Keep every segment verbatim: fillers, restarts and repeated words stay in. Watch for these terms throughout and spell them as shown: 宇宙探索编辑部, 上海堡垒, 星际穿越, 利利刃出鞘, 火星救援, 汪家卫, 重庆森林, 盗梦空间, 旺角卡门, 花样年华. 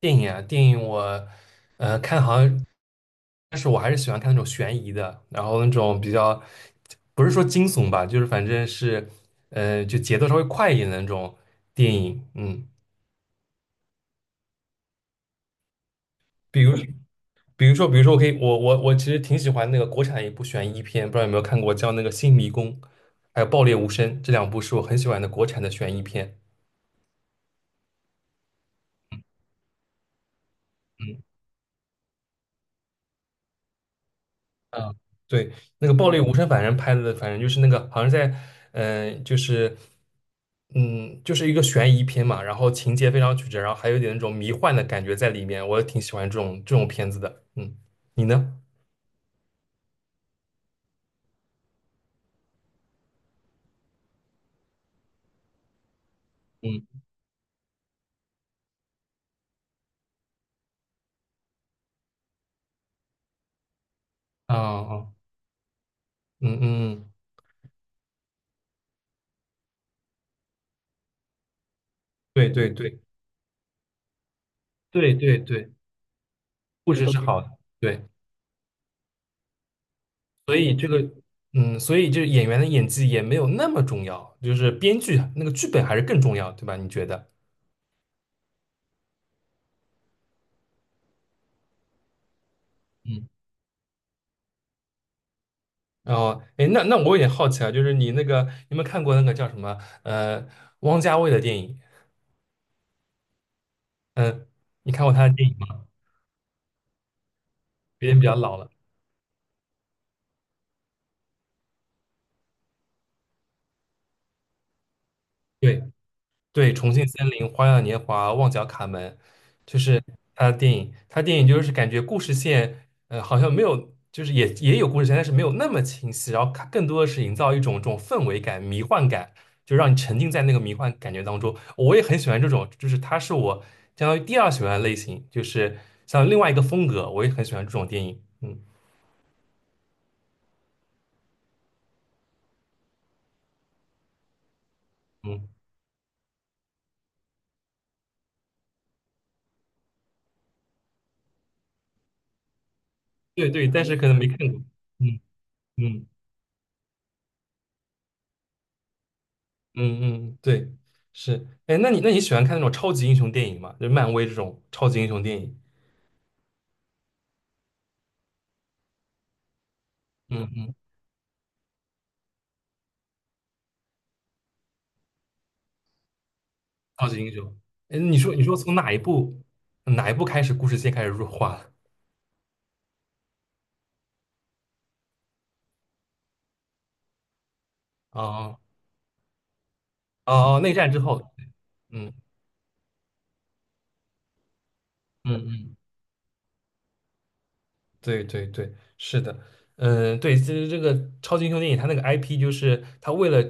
电影啊，电影我呃看好像，但是我还是喜欢看那种悬疑的，然后那种比较不是说惊悚吧，就是反正是呃就节奏稍微快一点的那种电影，嗯，比如比如说比如说我可以我我我其实挺喜欢那个国产一部悬疑片，不知道有没有看过，叫那个《新迷宫》还有《爆裂无声》这两部是我很喜欢的国产的悬疑片。嗯，对，那个《暴力无声》，反正拍的，反正就是那个，好像在，嗯、就是，嗯，就是一个悬疑片嘛，然后情节非常曲折，然后还有点那种迷幻的感觉在里面，我挺喜欢这种这种片子的。嗯，你呢？嗯，啊、啊，嗯嗯，对对对对对对，故事是好的，对，所以这个，嗯，所以这演员的演技也没有那么重要，就是编剧那个剧本还是更重要，对吧？你觉得？嗯。哦，哎，那那我有点好奇啊，就是你那个，你有没有看过那个叫什么，呃，汪家卫的电影？嗯，你看过他的电影吗？有点比较老了。对对，《重庆森林》《花样年华》《旺角卡门》就是他的电影，他电影就是感觉故事线，呃，好像没有，就是也也有故事线，但是没有那么清晰，然后它更多的是营造一种这种氛围感、迷幻感，就让你沉浸在那个迷幻感觉当中。我也很喜欢这种，就是它是我相当于第二喜欢的类型，就是像另外一个风格，我也很喜欢这种电影。嗯嗯，对对，但是可能没看过。嗯嗯嗯嗯，对，是。哎，那你那你喜欢看那种超级英雄电影吗？就是漫威这种超级英雄电影？嗯嗯超级英雄。哎，你说你说从哪一部哪一部开始故事线开始弱化了？哦哦哦，内战之后，嗯嗯嗯。对对对，是的，嗯，对，其实这个超级英雄电影，它那个 I P 就是它为了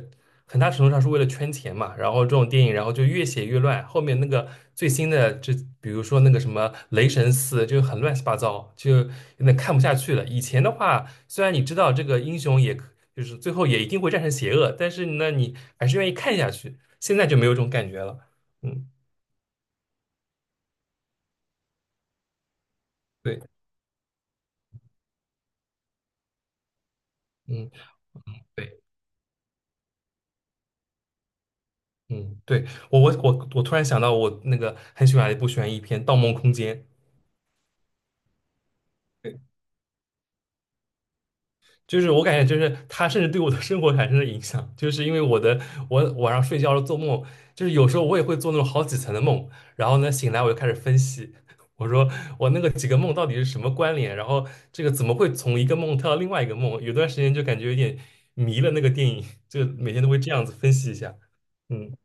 很大程度上是为了圈钱嘛，然后这种电影，然后就越写越乱，后面那个最新的，这比如说那个什么雷神四，就很乱七八糟，就有点看不下去了。以前的话，虽然你知道这个英雄也可就是最后也一定会战胜邪恶，但是呢，你还是愿意看下去。现在就没有这种感觉了，嗯，对，嗯。对。嗯，对，我我我我突然想到，我那个很喜欢的一部悬疑片《盗梦空间》，就是我感觉就是它甚至对我的生活产生了影响，就是因为我的我晚上睡觉了做梦，就是有时候我也会做那种好几层的梦，然后呢醒来我就开始分析，我说我那个几个梦到底是什么关联，然后这个怎么会从一个梦跳到另外一个梦，有段时间就感觉有点迷了那个电影，就每天都会这样子分析一下，嗯。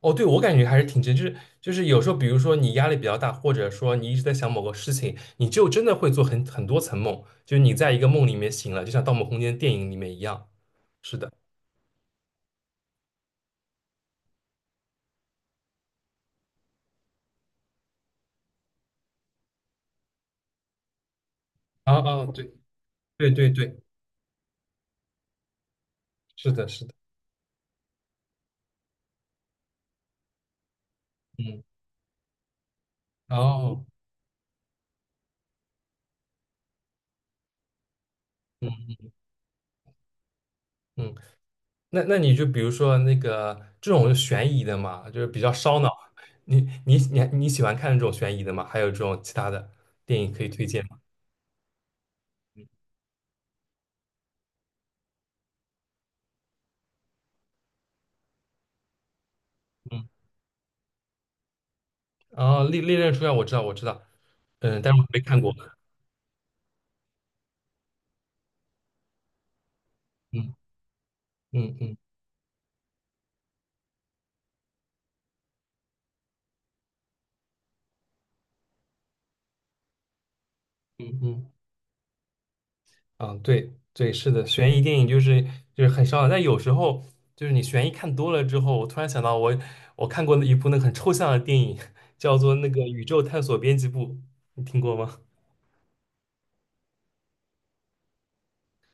哦，对，我感觉还是挺真，就是就是有时候，比如说你压力比较大，或者说你一直在想某个事情，你就真的会做很很多层梦，就是你在一个梦里面醒了，就像《盗梦空间》电影里面一样。是的，啊啊，对对对对，是的，是的，嗯，哦，嗯嗯，那那你就比如说那个这种悬疑的嘛，就是比较烧脑，你你你你喜欢看这种悬疑的吗？还有这种其他的电影可以推荐吗？嗯，哦，《利利刃出鞘》我知道我知道，嗯，但是我没看过，嗯嗯嗯。嗯嗯，嗯，对对，是的，悬疑电影就是就是很烧脑，但有时候就是你悬疑看多了之后，我突然想到我我看过的一部那个很抽象的电影，叫做那个《宇宙探索编辑部》，你听过吗？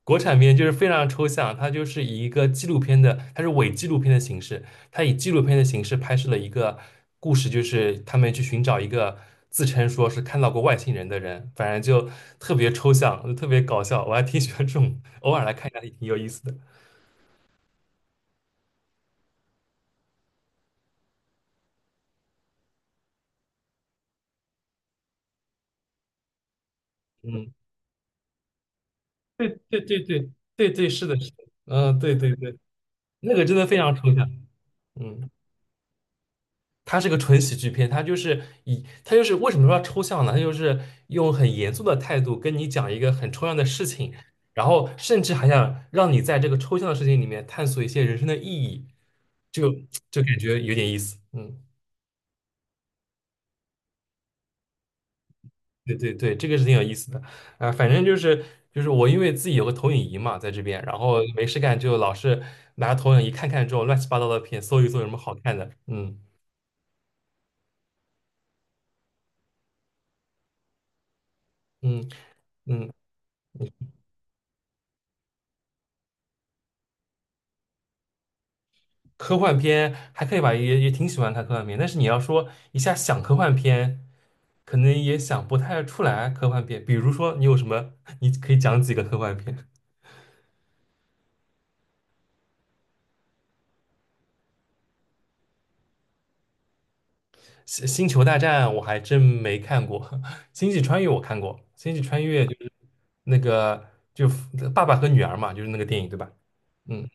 国产片就是非常抽象，它就是以一个纪录片的，它是伪纪录片的形式，它以纪录片的形式拍摄了一个故事，就是他们去寻找一个自称说是看到过外星人的人，反正就特别抽象，就特别搞笑，我还挺喜欢这种，偶尔来看一下也挺有意思的。嗯，对对对对对对，是的，是的，嗯，对对对，那个真的非常抽象，嗯，它是个纯喜剧片，它就是以它就是为什么说抽象呢？它就是用很严肃的态度跟你讲一个很抽象的事情，然后甚至还想让你在这个抽象的事情里面探索一些人生的意义，就就感觉有点意思，嗯。对对对，这个是挺有意思的，啊、反正就是就是我因为自己有个投影仪嘛，在这边，然后没事干就老是拿投影仪看看这种乱七八糟的片，搜一搜有什么好看的，嗯嗯嗯，科幻片还可以吧，也也挺喜欢看科幻片，但是你要说一下想科幻片，可能也想不太出来科幻片，比如说你有什么，你可以讲几个科幻片？星星球大战我还真没看过，星际穿越我看过，星际穿越就是那个就爸爸和女儿嘛，就是那个电影对吧？嗯，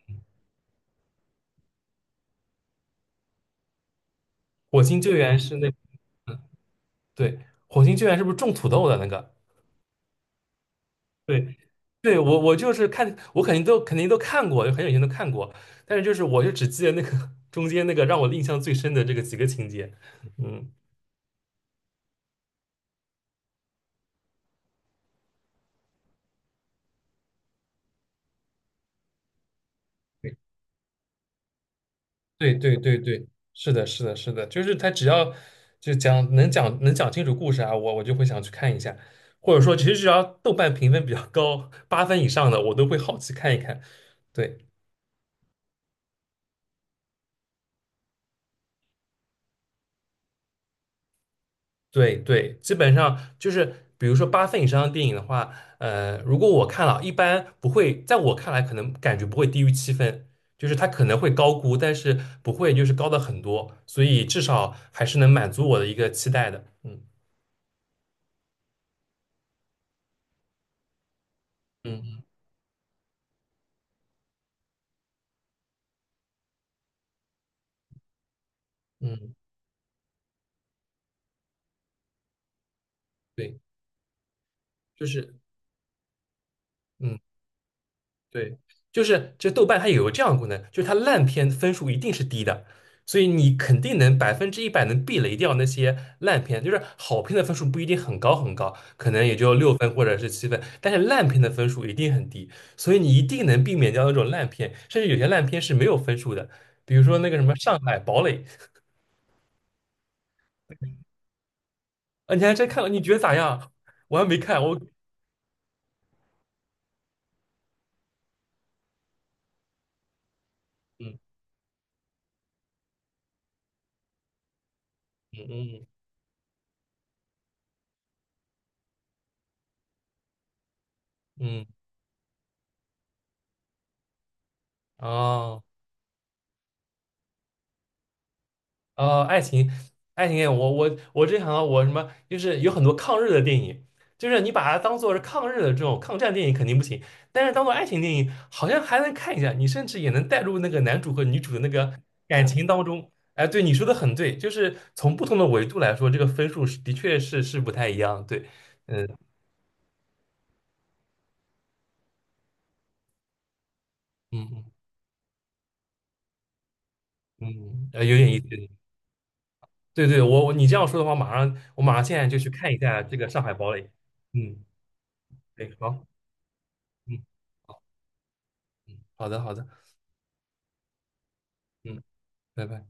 火星救援是那对，火星救援是不是种土豆的那个？对，对我我就是看我肯定都肯定都看过，就很久以前都看过，但是就是我就只记得那个 中间那个让我印象最深的这个几个情节，嗯。对对对对，是的，是的，是的，就是他只要就讲能讲能讲清楚故事啊，我我就会想去看一下，或者说其实只要豆瓣评分比较高，八分以上的我都会好奇看一看。对对对，基本上就是比如说八分以上的电影的话，呃，如果我看了，一般不会，在我看来可能感觉不会低于七分，就是它可能会高估，但是不会就是高的很多，所以至少还是能满足我的一个期待的。嗯嗯嗯，对。就是嗯，对，就是这豆瓣它有个这样的功能，就是它烂片分数一定是低的，所以你肯定能百分之一百能避雷掉那些烂片。就是好片的分数不一定很高很高，可能也就六分或者是七分，但是烂片的分数一定很低，所以你一定能避免掉那种烂片。甚至有些烂片是没有分数的，比如说那个什么《上海堡垒》，啊，你还真看了？你觉得咋样？我还没看，我嗯嗯嗯嗯，哦。呃，爱情，爱情电影，我我我之前想到我什么，就是有很多抗日的电影，就是你把它当做是抗日的这种抗战电影肯定不行，但是当做爱情电影好像还能看一下，你甚至也能带入那个男主和女主的那个感情当中。哎，对，你说的很对，就是从不同的维度来说，这个分数是的确是是不太一样。对，嗯嗯嗯，嗯呃，有点意思。对对，我我你这样说的话，马上我马上现在就去看一下这个《上海堡垒》。嗯，对，好，嗯嗯，好的好的。嗯。拜拜。